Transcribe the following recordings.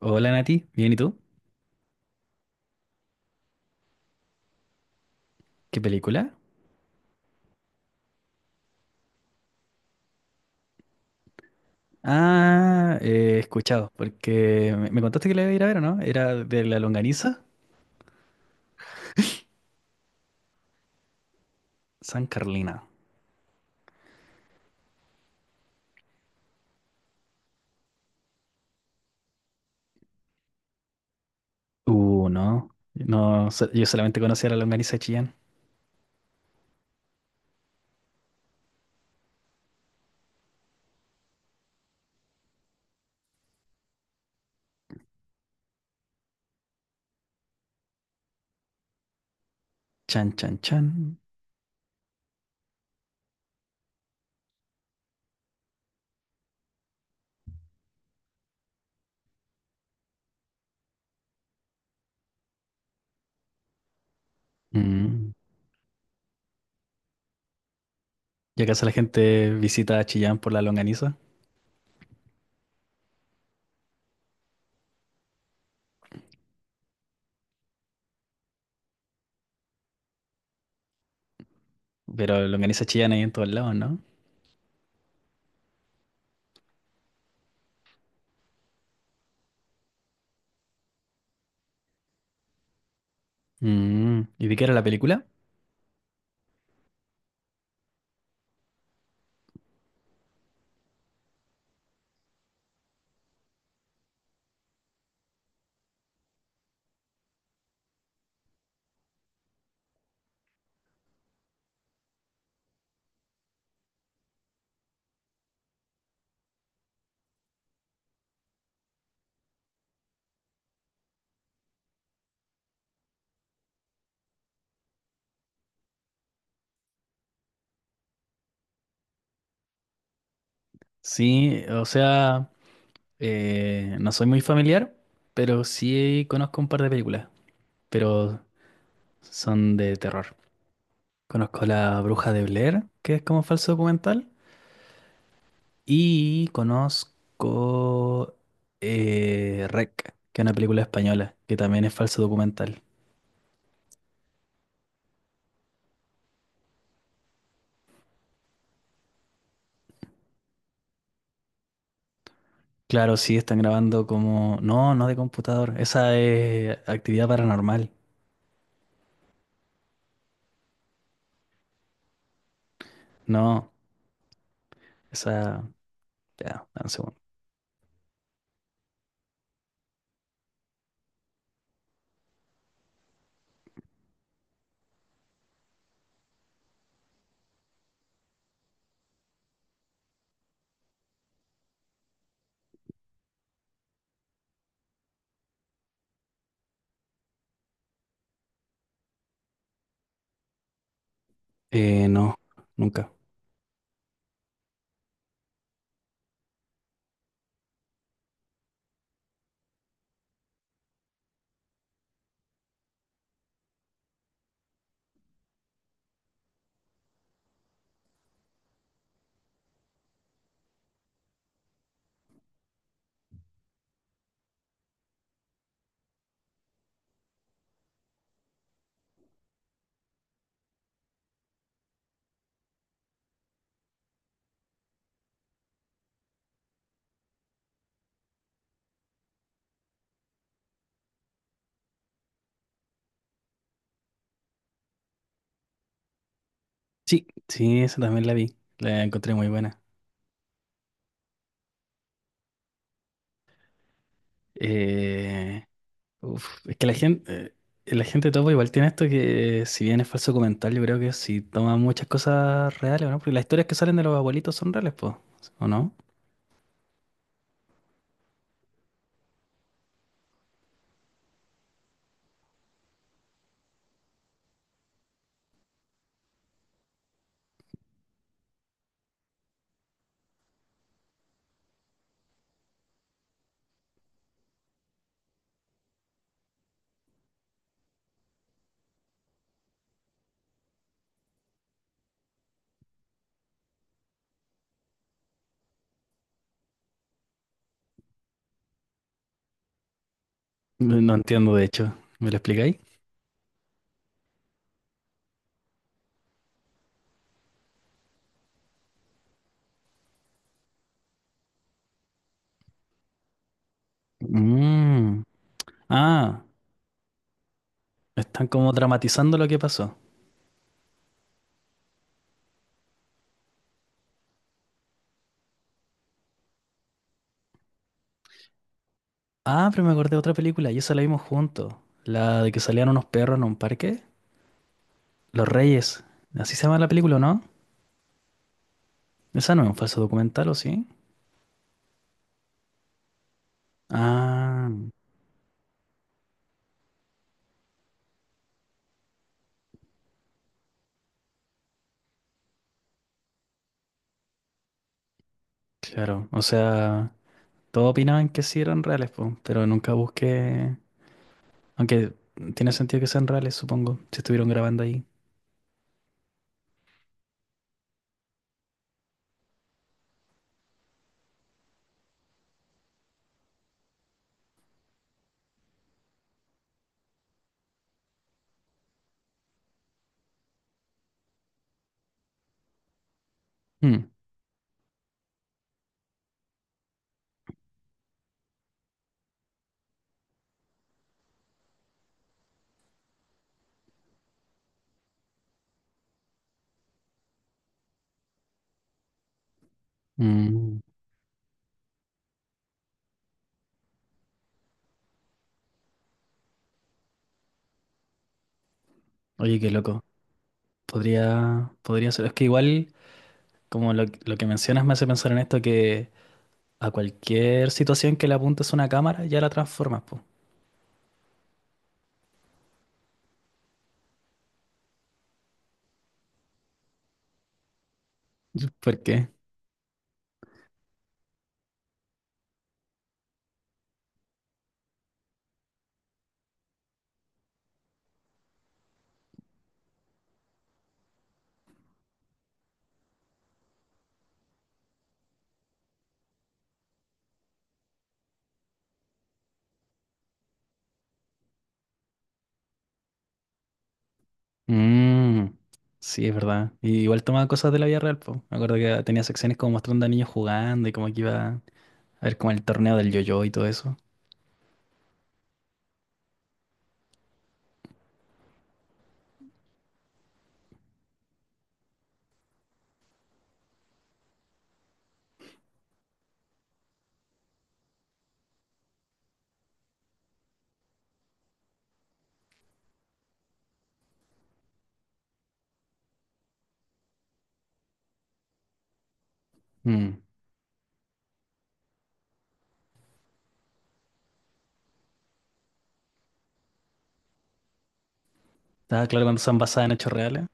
Hola Nati, bien, ¿y tú? ¿Qué película? Ah, he escuchado, porque me contaste que la iba a ir a ver, ¿o no? Era de la longaniza San Carlina. No, no, yo solamente conocía la longaniza de Chillán. Chan, chan, chan. Mm. ¿Y acaso la gente visita a Chillán por la longaniza? Pero longaniza Chillán hay en todos lados, ¿no? Mm. ¿Y de qué era la película? Sí, o sea, no soy muy familiar, pero sí conozco un par de películas. Pero son de terror. Conozco La Bruja de Blair, que es como falso documental. Y conozco Rec, que es una película española, que también es falso documental. Claro, sí, están grabando como... No, no de computador. Esa es actividad paranormal. No, esa... Ya, dame un segundo. No, nunca. Sí, sí, esa también la vi. La encontré muy buena. Eh, Uf, es que la gente topa igual tiene esto que, si bien es falso comentario, yo creo que sí toma muchas cosas reales, ¿o no? Porque las historias que salen de los abuelitos son reales, pues, ¿o No No, entiendo, de hecho. ¿Me lo explicáis? Mm. Ah, están como dramatizando lo que pasó. Ah, pero me acordé de otra película y esa la vimos juntos. La de que salían unos perros en un parque. Los Reyes. Así se llama la película, ¿o no? Esa no es un falso documental, ¿o sí? Ah, claro. O sea. Todos opinaban que sí eran reales, po, pero nunca busqué. Aunque tiene sentido que sean reales, supongo, si estuvieron grabando ahí. Mm, mm. Oye, qué loco. Podría ser. Es que igual, como lo que mencionas me hace pensar en esto, que a cualquier situación que le apuntes una cámara, ya la transformas, po. ¿Por qué? Mm, sí, es verdad. Y igual tomaba cosas de la vida real, po. Me acuerdo que tenía secciones como mostrando a niños jugando y como que iba a ver como el torneo del yo-yo y todo eso. Mm. Ah, claro, cuando son basadas en hechos reales.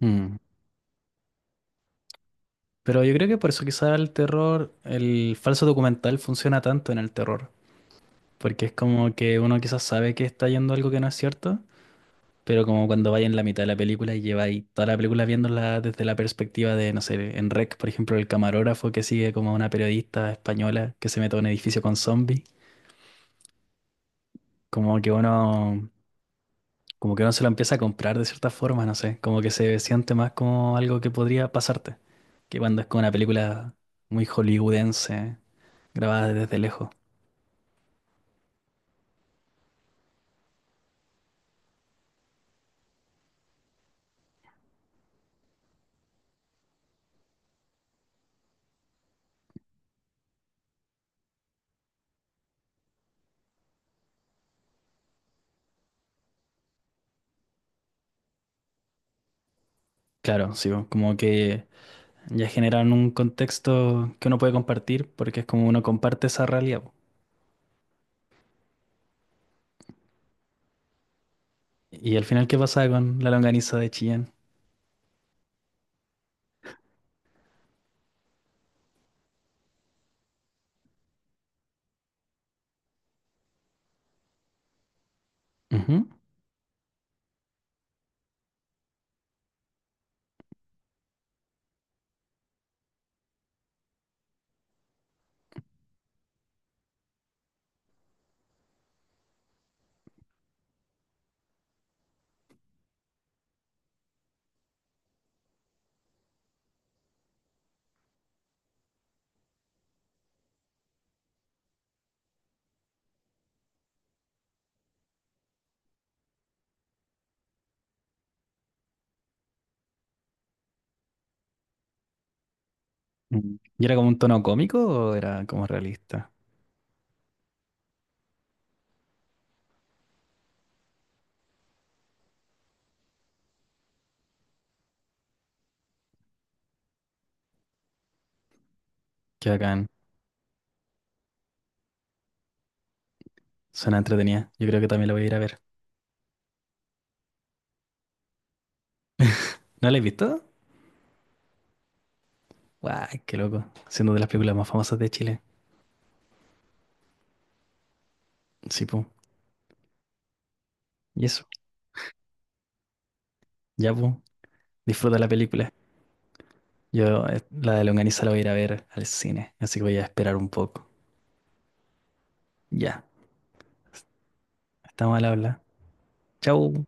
Mm. Pero yo creo que por eso quizá el terror, el falso documental funciona tanto en el terror. Porque es como que uno quizás sabe que está yendo algo que no es cierto, pero como cuando vaya en la mitad de la película y lleva ahí toda la película viéndola desde la perspectiva de, no sé, en Rec, por ejemplo, el camarógrafo que sigue como a una periodista española que se mete a un edificio con zombies. Como que uno Como que uno se lo empieza a comprar de cierta forma, no sé. Como que se siente más como algo que podría pasarte. Que cuando es como una película muy hollywoodense, grabada desde lejos. Claro, sí, bo, como que ya generan un contexto que uno puede compartir porque es como uno comparte esa realidad, bo. Y al final, ¿qué pasa con la longaniza de Chillán? Ujú. Mm. ¿Y era como un tono cómico o era como realista? Qué bacán, suena entretenida. Yo creo que también la voy a ir a ver. ¿No la has visto? Guay, qué loco. Siendo de las películas más famosas de Chile. Sí, po. Y eso, ya, po. Disfruta la película. Yo la de Longaniza la voy a ir a ver al cine, así que voy a esperar un poco. Ya, estamos al habla. Chau.